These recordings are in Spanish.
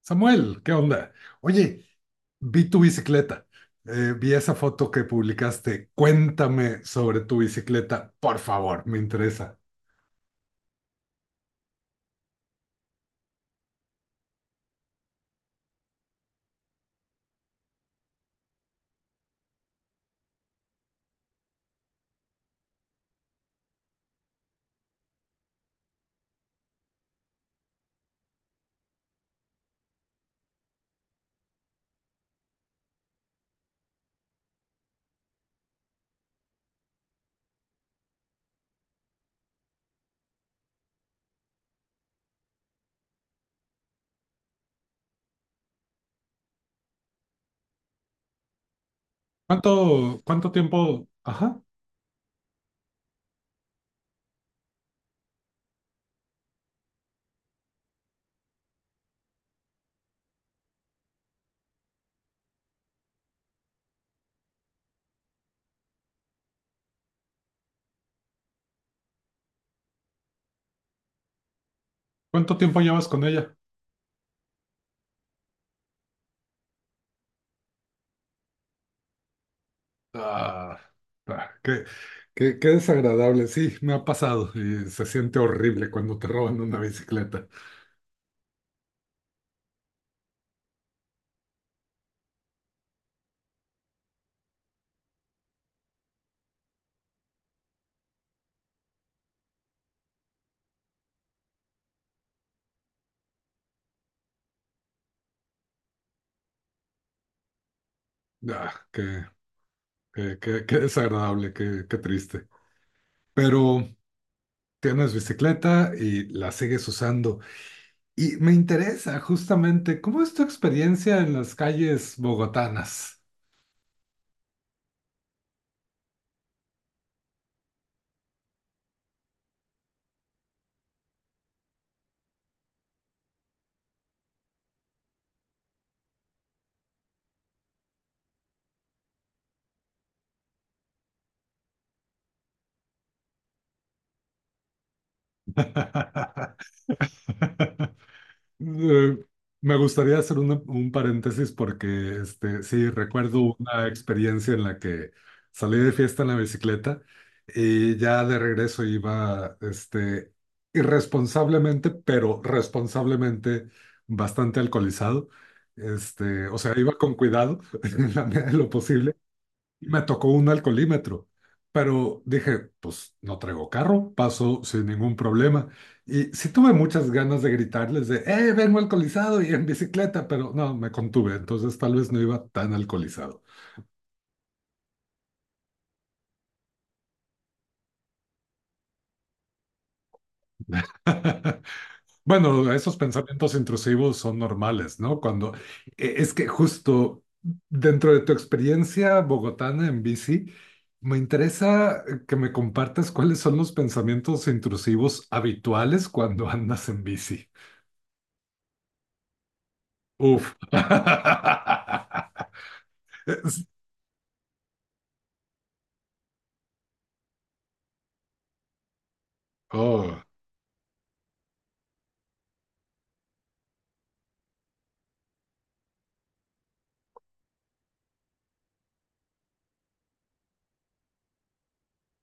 Samuel, ¿qué onda? Oye, vi tu bicicleta, vi esa foto que publicaste. Cuéntame sobre tu bicicleta, por favor, me interesa. ¿¿Cuánto tiempo, ajá, cuánto tiempo llevas con ella? Ah, ah, qué desagradable, sí, me ha pasado y se siente horrible cuando te roban una bicicleta. Ah, qué desagradable, qué triste. Pero tienes bicicleta y la sigues usando. Y me interesa justamente, ¿cómo es tu experiencia en las calles bogotanas? Eh, Me gustaría hacer un paréntesis porque sí, recuerdo una experiencia en la que salí de fiesta en la bicicleta y ya de regreso iba irresponsablemente, pero responsablemente bastante alcoholizado. O sea, iba con cuidado en la medida de lo posible y me tocó un alcoholímetro, pero dije, pues no traigo carro, paso sin ningún problema. Y sí tuve muchas ganas de gritarles de, vengo alcoholizado y en bicicleta, pero no, me contuve, entonces tal vez no iba tan alcoholizado. Bueno, esos pensamientos intrusivos son normales, ¿no? Cuando es que justo dentro de tu experiencia bogotana en bici, me interesa que me compartas cuáles son los pensamientos intrusivos habituales cuando andas en bici. Uf. Es- Oh.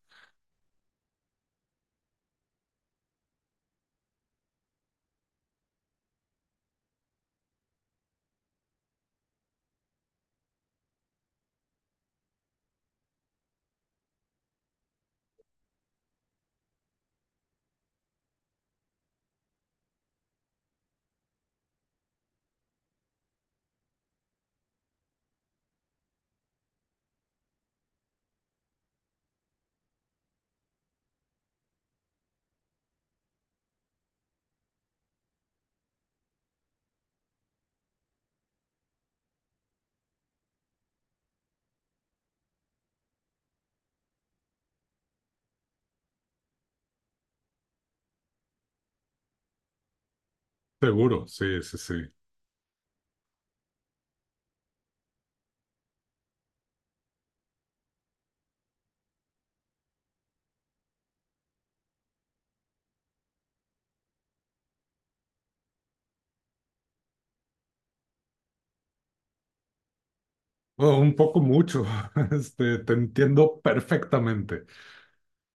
Seguro, sí, sí, sí. Oh, un poco mucho. Este, te entiendo perfectamente.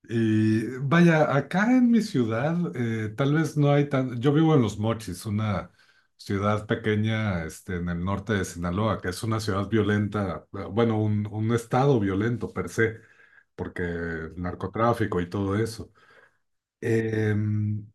Y vaya, acá en mi ciudad, tal vez no hay tan... Yo vivo en Los Mochis, una ciudad pequeña, en el norte de Sinaloa, que es una ciudad violenta, bueno, un estado violento per se, porque narcotráfico y todo eso. Em,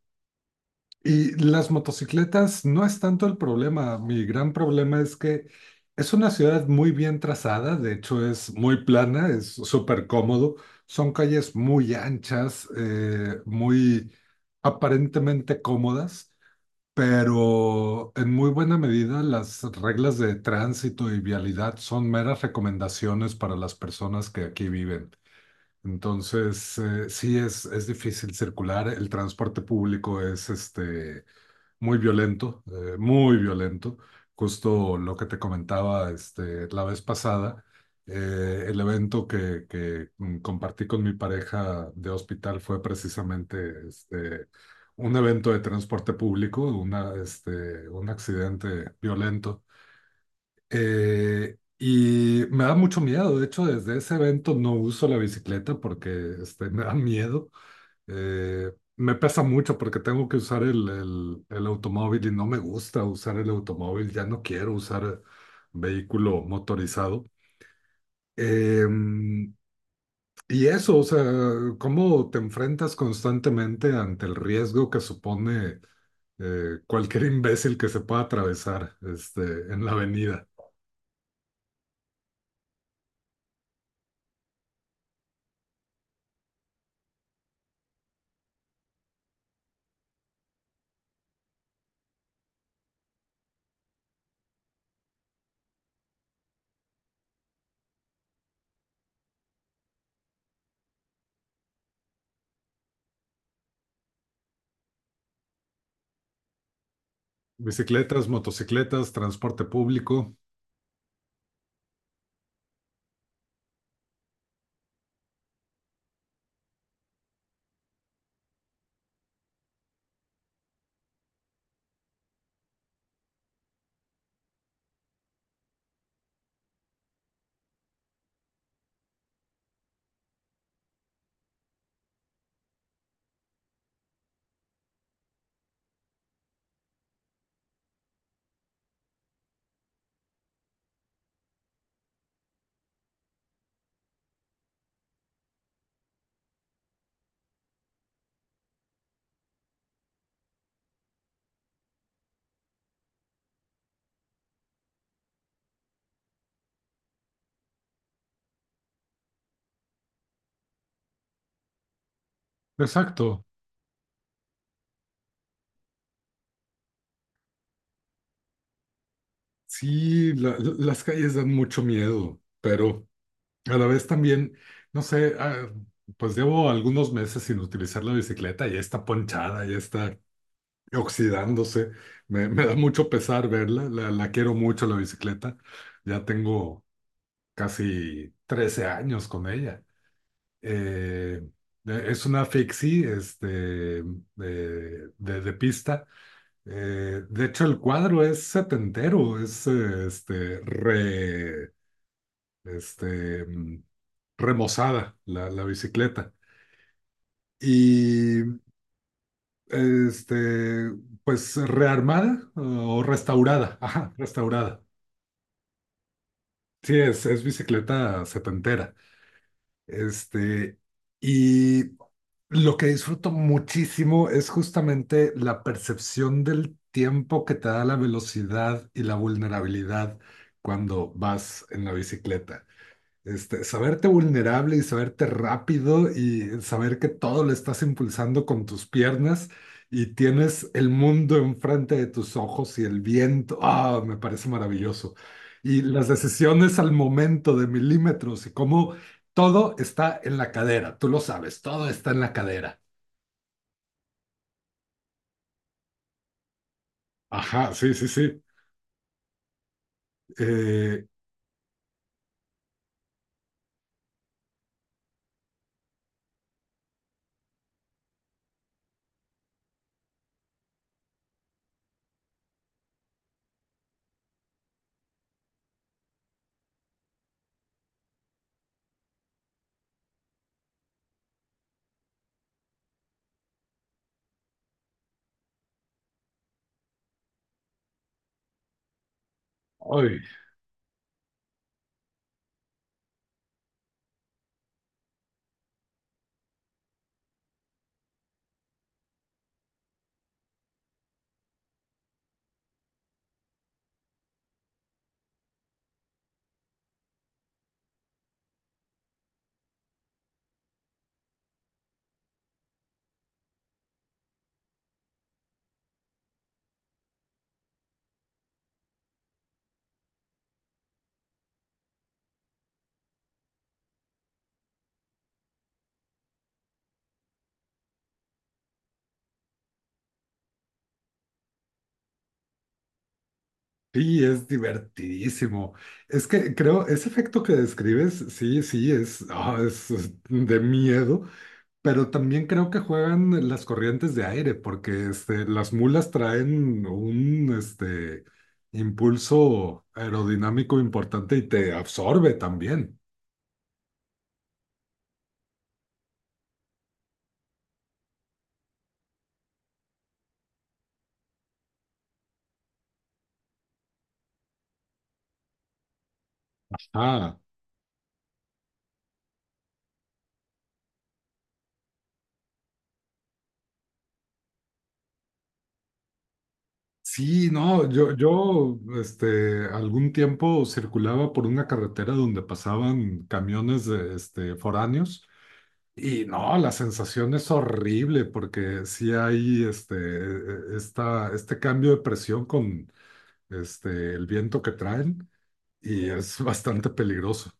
y las motocicletas no es tanto el problema. Mi gran problema es que es una ciudad muy bien trazada, de hecho es muy plana, es súper cómodo. Son calles muy anchas, muy aparentemente cómodas, pero en muy buena medida las reglas de tránsito y vialidad son meras recomendaciones para las personas que aquí viven. Entonces, es difícil circular, el transporte público es muy violento, muy violento. Justo lo que te comentaba la vez pasada, el evento que compartí con mi pareja de hospital fue precisamente un evento de transporte público, un accidente violento. Y me da mucho miedo, de hecho, desde ese evento no uso la bicicleta porque me da miedo. Eh, me pesa mucho porque tengo que usar el automóvil y no me gusta usar el automóvil, ya no quiero usar vehículo motorizado. Em, y eso, o sea, cómo te enfrentas constantemente ante el riesgo que supone cualquier imbécil que se pueda atravesar en la avenida. Bicicletas, motocicletas, transporte público. Exacto. Sí, las calles dan mucho miedo, pero... A la vez también, no sé, ah, pues llevo algunos meses sin utilizar la bicicleta, ya está ponchada, ya está oxidándose. Me da mucho pesar verla, la quiero mucho la bicicleta. Ya tengo casi 13 años con ella. Eh, eh, es una fixie, de, de pista. De hecho, el cuadro es setentero, es este, remozada la bicicleta. Y este, pues rearmada o restaurada. Ajá, restaurada. Sí, es bicicleta setentera. Este, y lo que disfruto muchísimo es justamente la percepción del tiempo que te da la velocidad y la vulnerabilidad cuando vas en la bicicleta. Este, saberte vulnerable y saberte rápido y saber que todo lo estás impulsando con tus piernas y tienes el mundo enfrente de tus ojos y el viento. Ah, me parece maravilloso. Y las decisiones al momento de milímetros y cómo todo está en la cadera. Tú lo sabes, todo está en la cadera. Ajá, sí, sí, sí. Eh, ay, Sí, es divertidísimo. Es que creo, ese efecto que describes, sí, sí, es, ah, es de miedo, pero también creo que juegan las corrientes de aire, porque las mulas traen un impulso aerodinámico importante y te absorbe también. Ah, sí, no, yo algún tiempo circulaba por una carretera donde pasaban camiones de, foráneos. Y no, la sensación es horrible porque sí hay este cambio de presión con el viento que traen y es bastante peligroso.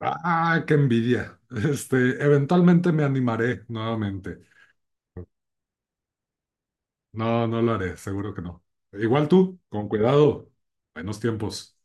¡Ah, qué envidia! Este, eventualmente me animaré nuevamente. No, no lo haré, seguro que no. Igual tú, con cuidado. Buenos tiempos.